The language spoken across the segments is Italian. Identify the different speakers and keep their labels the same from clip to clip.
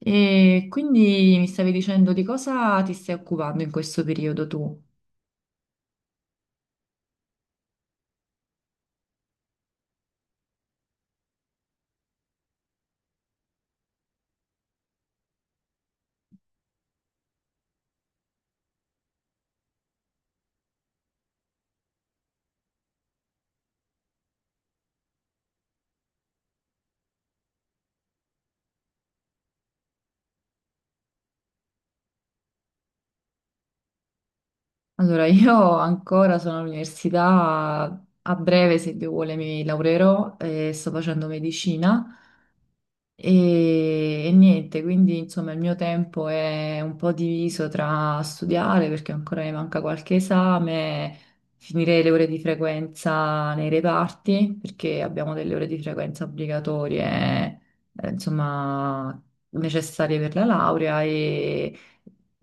Speaker 1: E quindi mi stavi dicendo di cosa ti stai occupando in questo periodo tu? Allora, io ancora sono all'università, a breve, se Dio vuole, mi laureerò e sto facendo medicina. E niente, quindi insomma il mio tempo è un po' diviso tra studiare perché ancora mi manca qualche esame, finire le ore di frequenza nei reparti perché abbiamo delle ore di frequenza obbligatorie, insomma, necessarie per la laurea e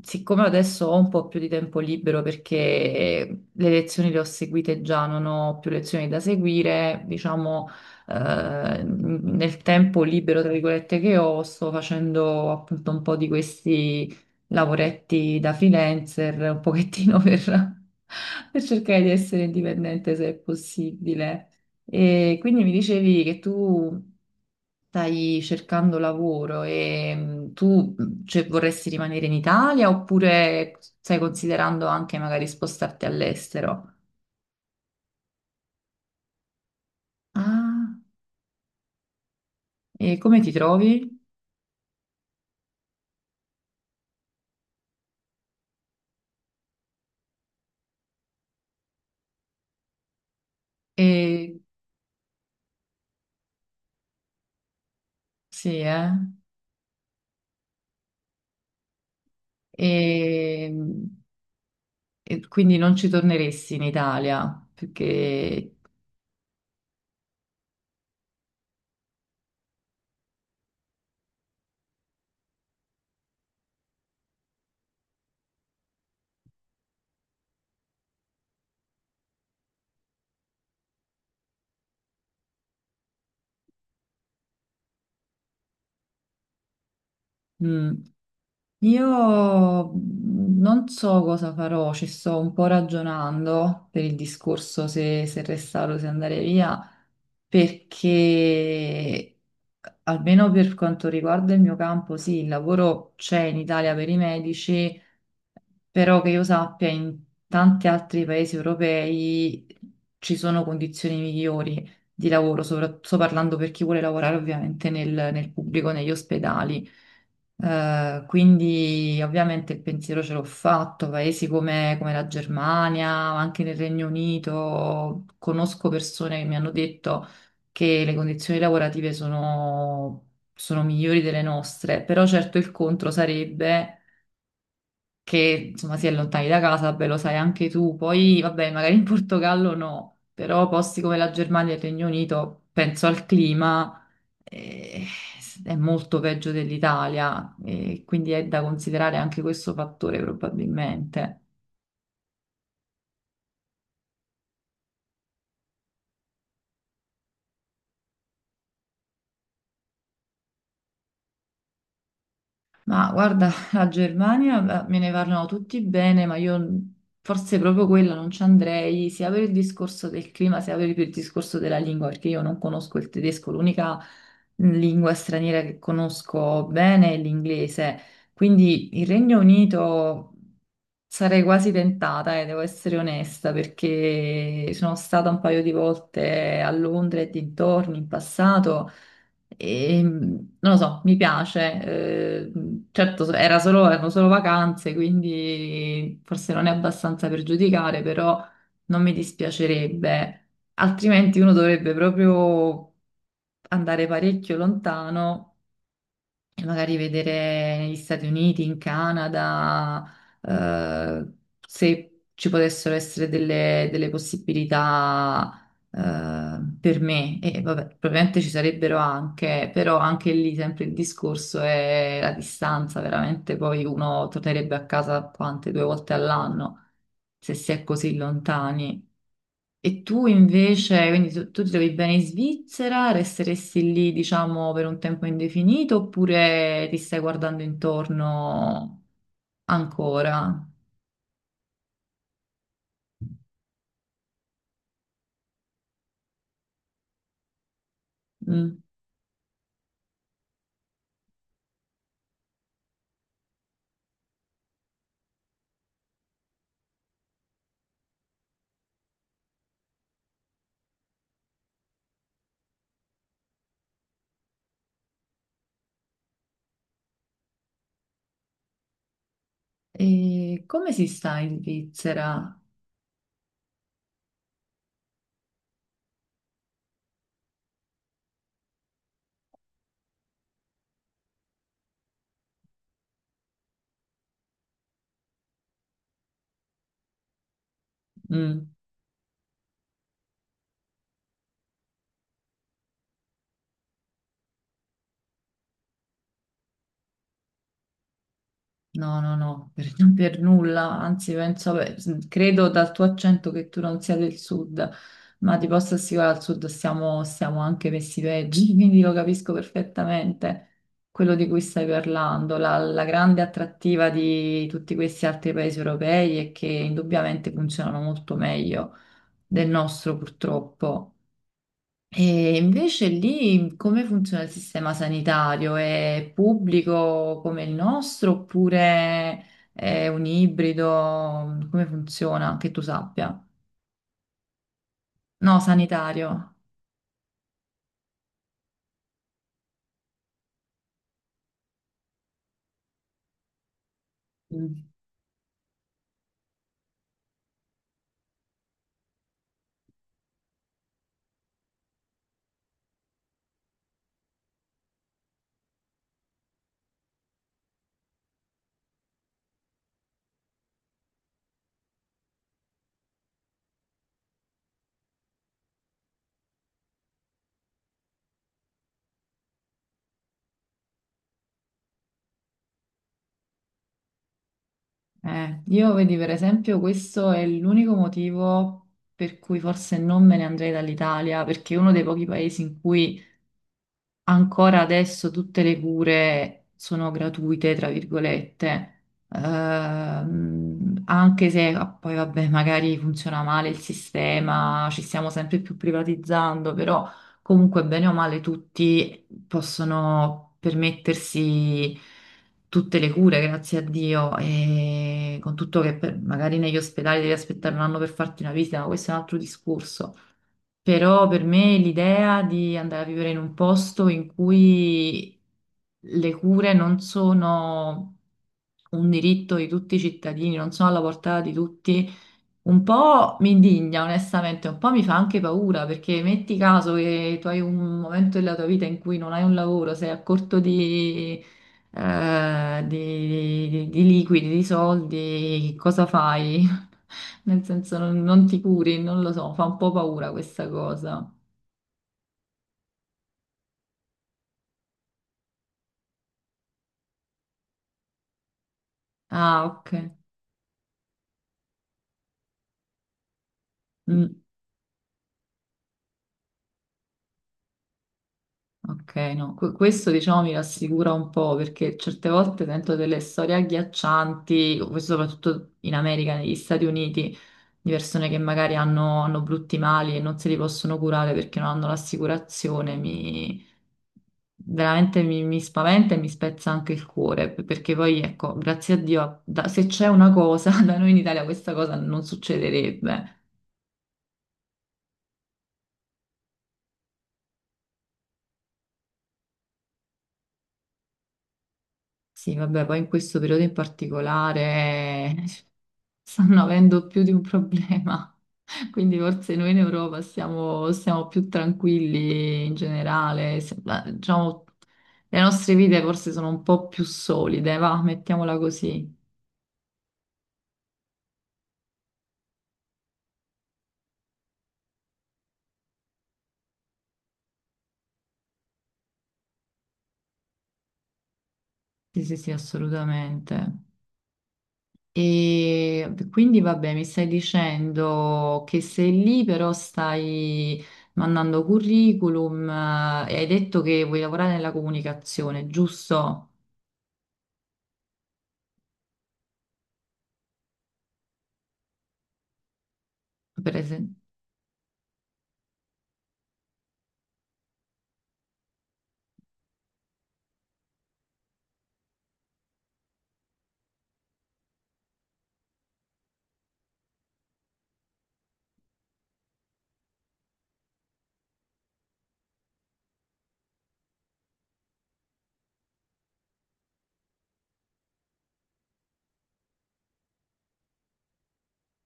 Speaker 1: siccome adesso ho un po' più di tempo libero perché le lezioni le ho seguite già, non ho più lezioni da seguire, diciamo nel tempo libero, tra virgolette, che ho, sto facendo appunto un po' di questi lavoretti da freelancer, un pochettino per cercare di essere indipendente se è possibile. E quindi mi dicevi che tu stai cercando lavoro e tu cioè, vorresti rimanere in Italia oppure stai considerando anche magari spostarti all'estero? Ah, e come ti trovi? E Sì, eh? E, e quindi non ci torneresti in Italia perché mm, io non so cosa farò, ci sto un po' ragionando per il discorso se, se restare o se andare via. Perché almeno per quanto riguarda il mio campo, sì, il lavoro c'è in Italia per i medici, però che io sappia in tanti altri paesi europei ci sono condizioni migliori di lavoro, sto parlando per chi vuole lavorare ovviamente nel, nel pubblico, negli ospedali. Quindi ovviamente il pensiero ce l'ho fatto, paesi come la Germania, ma anche nel Regno Unito, conosco persone che mi hanno detto che le condizioni lavorative sono migliori delle nostre, però certo il contro sarebbe che insomma si è lontani da casa, beh lo sai anche tu, poi vabbè magari in Portogallo no, però posti come la Germania e il Regno Unito, penso al clima eh, è molto peggio dell'Italia, e quindi è da considerare anche questo fattore probabilmente. Ma guarda, la Germania me ne parlano tutti bene, ma io forse proprio quella non ci andrei, sia per il discorso del clima, sia per il discorso della lingua, perché io non conosco il tedesco, l'unica lingua straniera che conosco bene è l'inglese. Quindi il Regno Unito sarei quasi tentata, e devo essere onesta, perché sono stata un paio di volte a Londra e dintorni in passato. E, non lo so, mi piace. Eh, certo, era solo, erano solo vacanze, quindi forse non è abbastanza per giudicare, però non mi dispiacerebbe. Altrimenti uno dovrebbe proprio andare parecchio lontano e magari vedere negli Stati Uniti, in Canada, eh, se ci potessero essere delle possibilità, per me. E vabbè, probabilmente ci sarebbero anche, però anche lì sempre il discorso è la distanza, veramente poi uno tornerebbe a casa quante, due volte all'anno, se si è così lontani. E tu invece, quindi tu ti trovi bene in Svizzera, resteresti lì, diciamo, per un tempo indefinito oppure ti stai guardando intorno ancora? Mm. E come si sta in Svizzera? Mm. No, no, no, per, non per nulla, anzi penso, beh, credo dal tuo accento che tu non sia del sud, ma ti posso assicurare al sud stiamo anche messi peggio, quindi lo capisco perfettamente quello di cui stai parlando. La grande attrattiva di tutti questi altri paesi europei è che indubbiamente funzionano molto meglio del nostro, purtroppo. E invece lì come funziona il sistema sanitario? È pubblico come il nostro oppure è un ibrido? Come funziona? Che tu sappia. No, sanitario. Mm. Io vedi per esempio questo è l'unico motivo per cui forse non me ne andrei dall'Italia, perché è uno dei pochi paesi in cui ancora adesso tutte le cure sono gratuite, tra virgolette, anche se ah, poi vabbè, magari funziona male il sistema, ci stiamo sempre più privatizzando, però comunque bene o male tutti possono permettersi tutte le cure, grazie a Dio, e con tutto che per- magari negli ospedali devi aspettare un anno per farti una visita, ma questo è un altro discorso. Però per me l'idea di andare a vivere in un posto in cui le cure non sono un diritto di tutti i cittadini, non sono alla portata di tutti, un po' mi indigna, onestamente, un po' mi fa anche paura, perché metti caso che tu hai un momento della tua vita in cui non hai un lavoro, sei a corto di, di liquidi, di soldi, cosa fai? Nel senso non ti curi, non lo so, fa un po' paura questa cosa. Ah, ok. Mm. Ok, no, questo diciamo mi rassicura un po' perché certe volte sento delle storie agghiaccianti, questo soprattutto in America, negli Stati Uniti, di persone che magari hanno brutti mali e non se li possono curare perché non hanno l'assicurazione, veramente mi spaventa e mi spezza anche il cuore, perché poi ecco, grazie a Dio, se c'è una cosa, da noi in Italia questa cosa non succederebbe. Sì, vabbè, poi in questo periodo in particolare... stanno avendo più di un problema. Quindi forse noi in Europa siamo più tranquilli in generale, diciamo, le nostre vite forse sono un po' più solide, va, mettiamola così. Sì, sì, sì, assolutamente. E quindi vabbè, mi stai dicendo che sei lì, però stai mandando curriculum e hai detto che vuoi lavorare nella comunicazione, giusto? Per esempio.